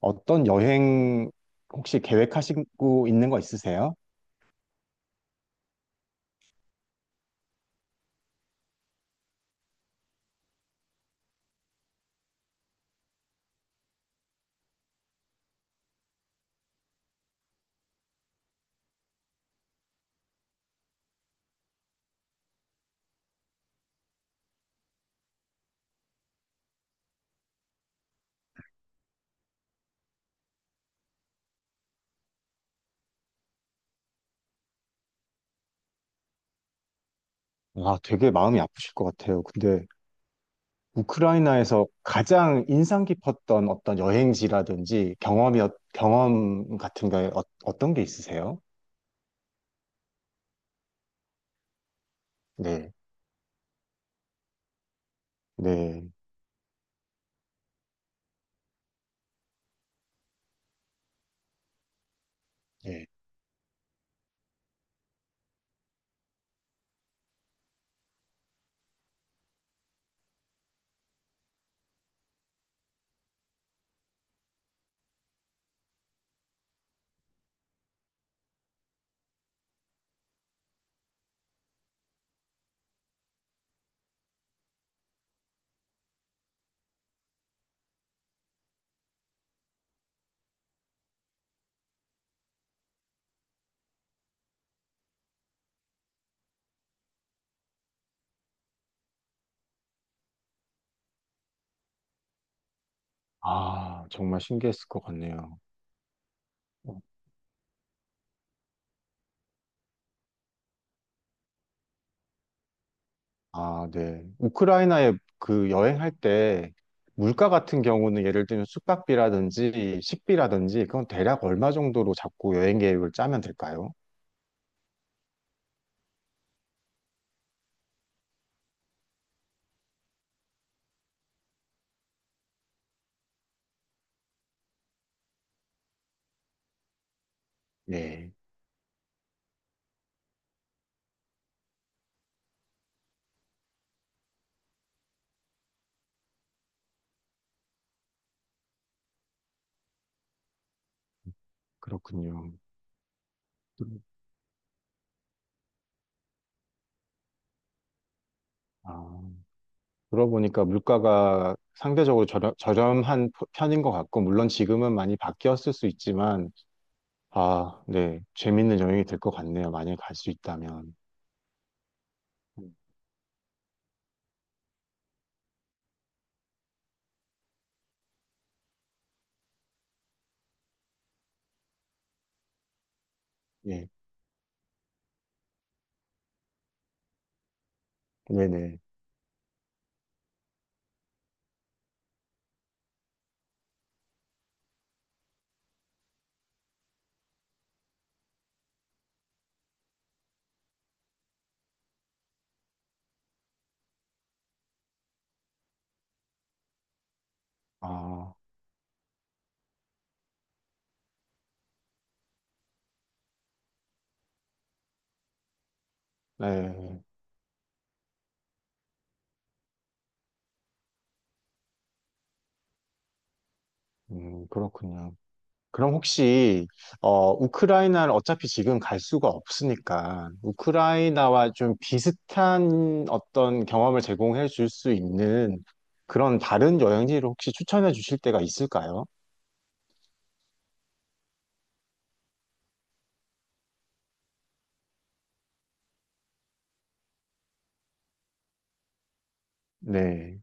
어떤 여행 혹시 계획하시고 있는 거 있으세요? 아, 되게 마음이 아프실 것 같아요. 근데 우크라이나에서 가장 인상 깊었던 어떤 여행지라든지 경험 같은 게 어, 떤게 있으세요? 네, 네, 네. 아, 정말 신기했을 것 같네요. 아, 네. 우크라이나에 그 여행할 때 물가 같은 경우는 예를 들면 숙박비라든지 식비라든지 그건 대략 얼마 정도로 잡고 여행 계획을 짜면 될까요? 네. 그렇군요. 아, 들어보니까 물가가 상대적으로 저렴한 편인 것 같고, 물론 지금은 많이 바뀌었을 수 있지만, 아, 네. 재밌는 여행이 될 것 같네요. 만약에 갈 수 있다면. 예, 네네. 아, 네. 그렇군요. 그럼 혹시 우크라이나를 어차피 지금 갈 수가 없으니까 우크라이나와 좀 비슷한 어떤 경험을 제공해 줄 수 있는 그런 다른 여행지를 혹시 추천해 주실 때가 있을까요? 네.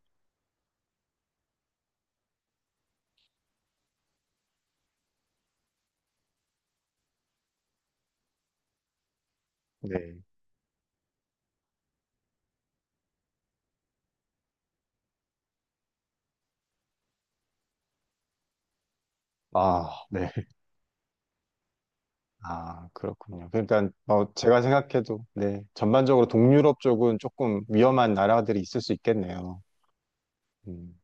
네. 아, 네. 아, 그렇군요. 그러니까 제가 생각해도 네. 전반적으로 동유럽 쪽은 조금 위험한 나라들이 있을 수 있겠네요. 음.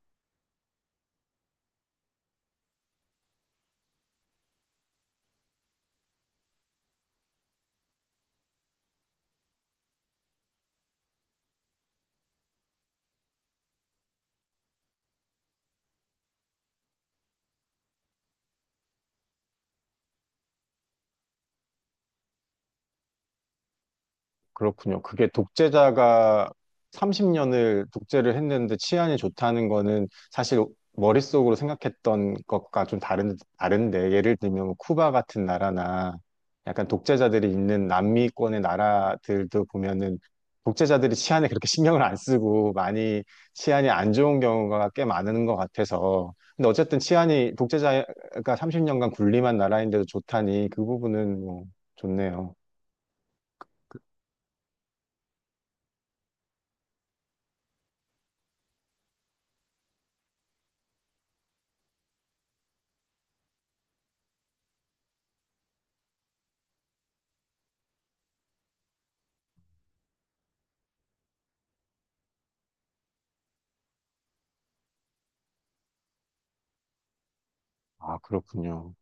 그렇군요. 그게 독재자가 30년을 독재를 했는데 치안이 좋다는 거는 사실 머릿속으로 생각했던 것과 좀 다른데, 예를 들면 뭐 쿠바 같은 나라나 약간 독재자들이 있는 남미권의 나라들도 보면은 독재자들이 치안에 그렇게 신경을 안 쓰고 많이 치안이 안 좋은 경우가 꽤 많은 것 같아서. 근데 어쨌든 치안이 독재자가 30년간 군림한 나라인데도 좋다니 그 부분은 뭐 좋네요. 아, 그렇군요.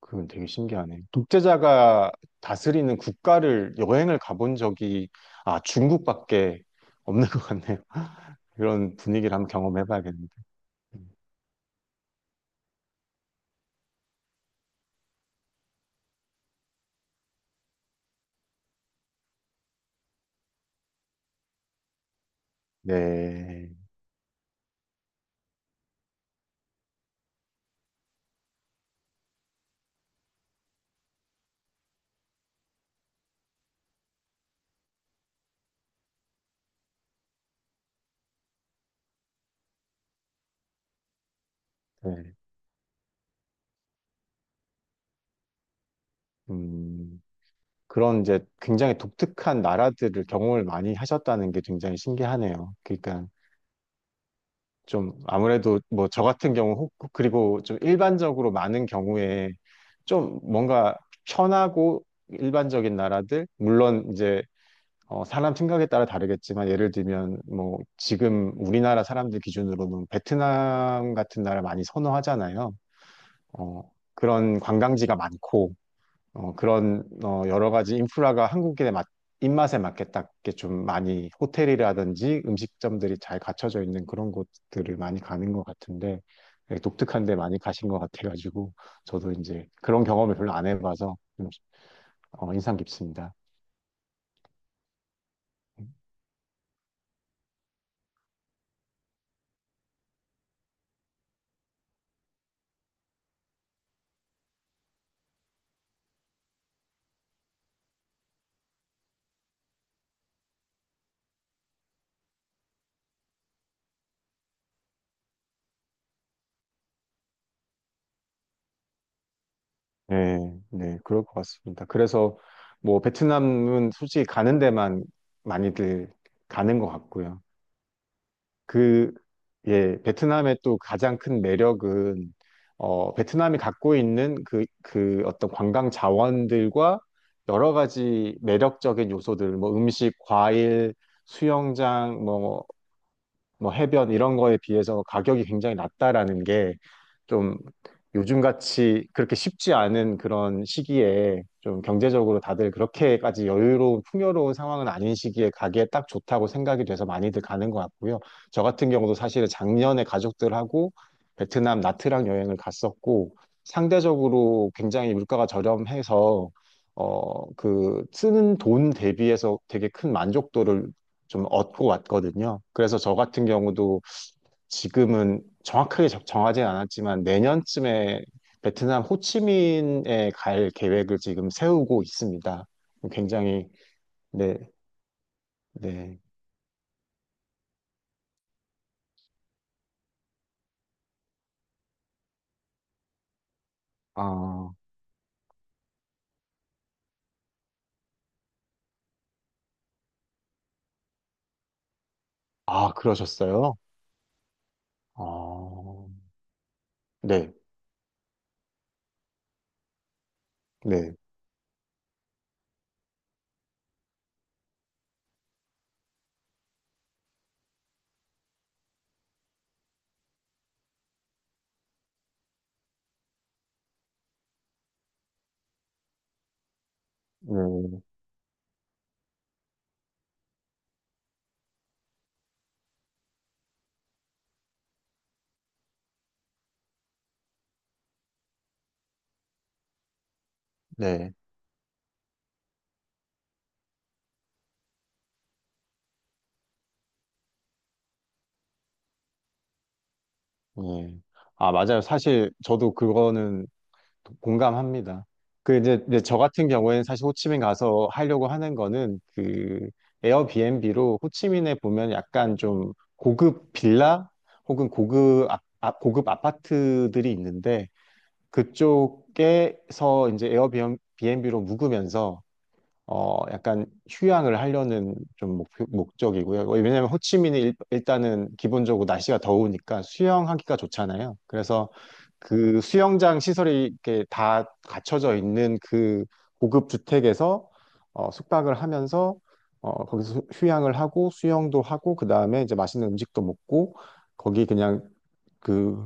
그건 되게 신기하네. 독재자가 다스리는 국가를 여행을 가본 적이 아 중국밖에 없는 것 같네요. 이런 분위기를 한번 경험해봐야겠는데. 네, 네. 음, 그런 이제 굉장히 독특한 나라들을 경험을 많이 하셨다는 게 굉장히 신기하네요. 그러니까 좀 아무래도 뭐 저 같은 경우 그리고 좀 일반적으로 많은 경우에 좀 뭔가 편하고 일반적인 나라들 물론 이제 사람 생각에 따라 다르겠지만 예를 들면 뭐 지금 우리나라 사람들 기준으로는 베트남 같은 나라 많이 선호하잖아요. 어, 그런 관광지가 많고 여러 가지 인프라가 입맛에 맞게 딱 이렇게 좀 많이 호텔이라든지 음식점들이 잘 갖춰져 있는 그런 곳들을 많이 가는 것 같은데 예, 독특한 데 많이 가신 것 같아가지고 저도 이제 그런 경험을 별로 안 해봐서 좀, 어, 인상 깊습니다. 네, 네, 그럴 것 같습니다. 그래서 뭐 베트남은 솔직히 가는 데만 많이들 가는 것 같고요. 그, 예, 베트남의 또 가장 큰 매력은 어, 베트남이 갖고 있는 그 어떤 관광 자원들과 여러 가지 매력적인 요소들, 뭐 음식, 과일, 수영장, 뭐 해변 이런 거에 비해서 가격이 굉장히 낮다라는 게 좀 요즘같이 그렇게 쉽지 않은 그런 시기에 좀 경제적으로 다들 그렇게까지 여유로운 풍요로운 상황은 아닌 시기에 가기에 딱 좋다고 생각이 돼서 많이들 가는 것 같고요. 저 같은 경우도 사실은 작년에 가족들하고 베트남 나트랑 여행을 갔었고 상대적으로 굉장히 물가가 저렴해서 어, 그 쓰는 돈 대비해서 되게 큰 만족도를 좀 얻고 왔거든요. 그래서 저 같은 경우도 지금은 정확하게 정하지 않았지만 내년쯤에 베트남 호치민에 갈 계획을 지금 세우고 있습니다. 굉장히, 네, 네. 아, 아, 그러셨어요? 아, 네, 네, 네, 네, 네. 아, 맞아요. 사실 저도 그거는 공감합니다. 이제 저 같은 경우에는 사실 호치민 가서 하려고 하는 거는 그 에어비앤비로 호치민에 보면 약간 좀 고급 빌라 혹은 고급 아파트들이 있는데 그쪽에서 이제 에어비앤비로 묵으면서 어, 약간 휴양을 하려는 좀 목, 목적이고요. 왜냐하면 호치민이 일, 일단은 기본적으로 날씨가 더우니까 수영하기가 좋잖아요. 그래서 그 수영장 시설이 이렇게 다 갖춰져 있는 그 고급 주택에서 어, 숙박을 하면서 어, 거기서 휴양을 하고 수영도 하고 그 다음에 이제 맛있는 음식도 먹고 거기 그냥 그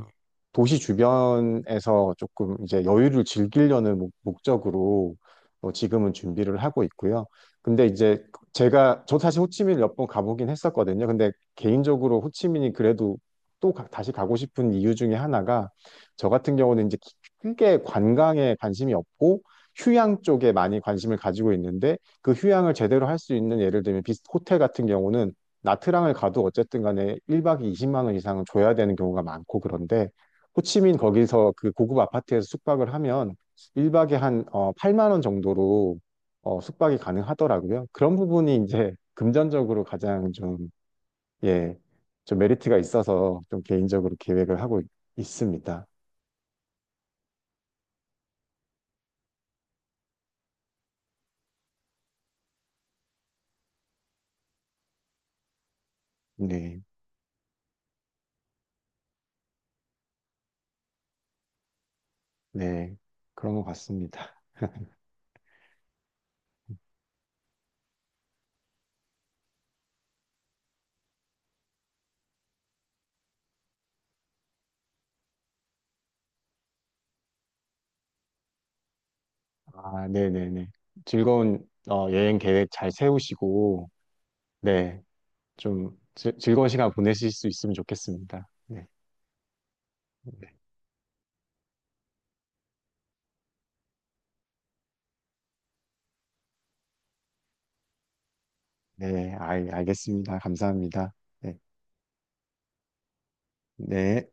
도시 주변에서 조금 이제 여유를 즐기려는 목적으로 어, 지금은 준비를 하고 있고요. 근데 이제 제가 저 사실 호치민 몇 번 가보긴 했었거든요. 근데 개인적으로 호치민이 그래도 또 다시 가고 싶은 이유 중에 하나가 저 같은 경우는 이제 크게 관광에 관심이 없고 휴양 쪽에 많이 관심을 가지고 있는데 그 휴양을 제대로 할 수 있는 예를 들면 비스 호텔 같은 경우는 나트랑을 가도 어쨌든 간에 1박에 20만 원 이상은 줘야 되는 경우가 많고 그런데 호치민 거기서 그 고급 아파트에서 숙박을 하면 1박에 한 8만 원 정도로 어, 숙박이 가능하더라고요. 그런 부분이 이제 금전적으로 가장 좀, 예, 좀 메리트가 있어서 좀 개인적으로 계획을 있습니다. 네, 네. 그런 것 같습니다. 아, 네네네. 즐거운 어, 여행 계획 잘 세우시고, 네. 좀 즐거운 시간 보내실 수 있으면 좋겠습니다. 네. 네, 알겠습니다. 감사합니다. 네. 네.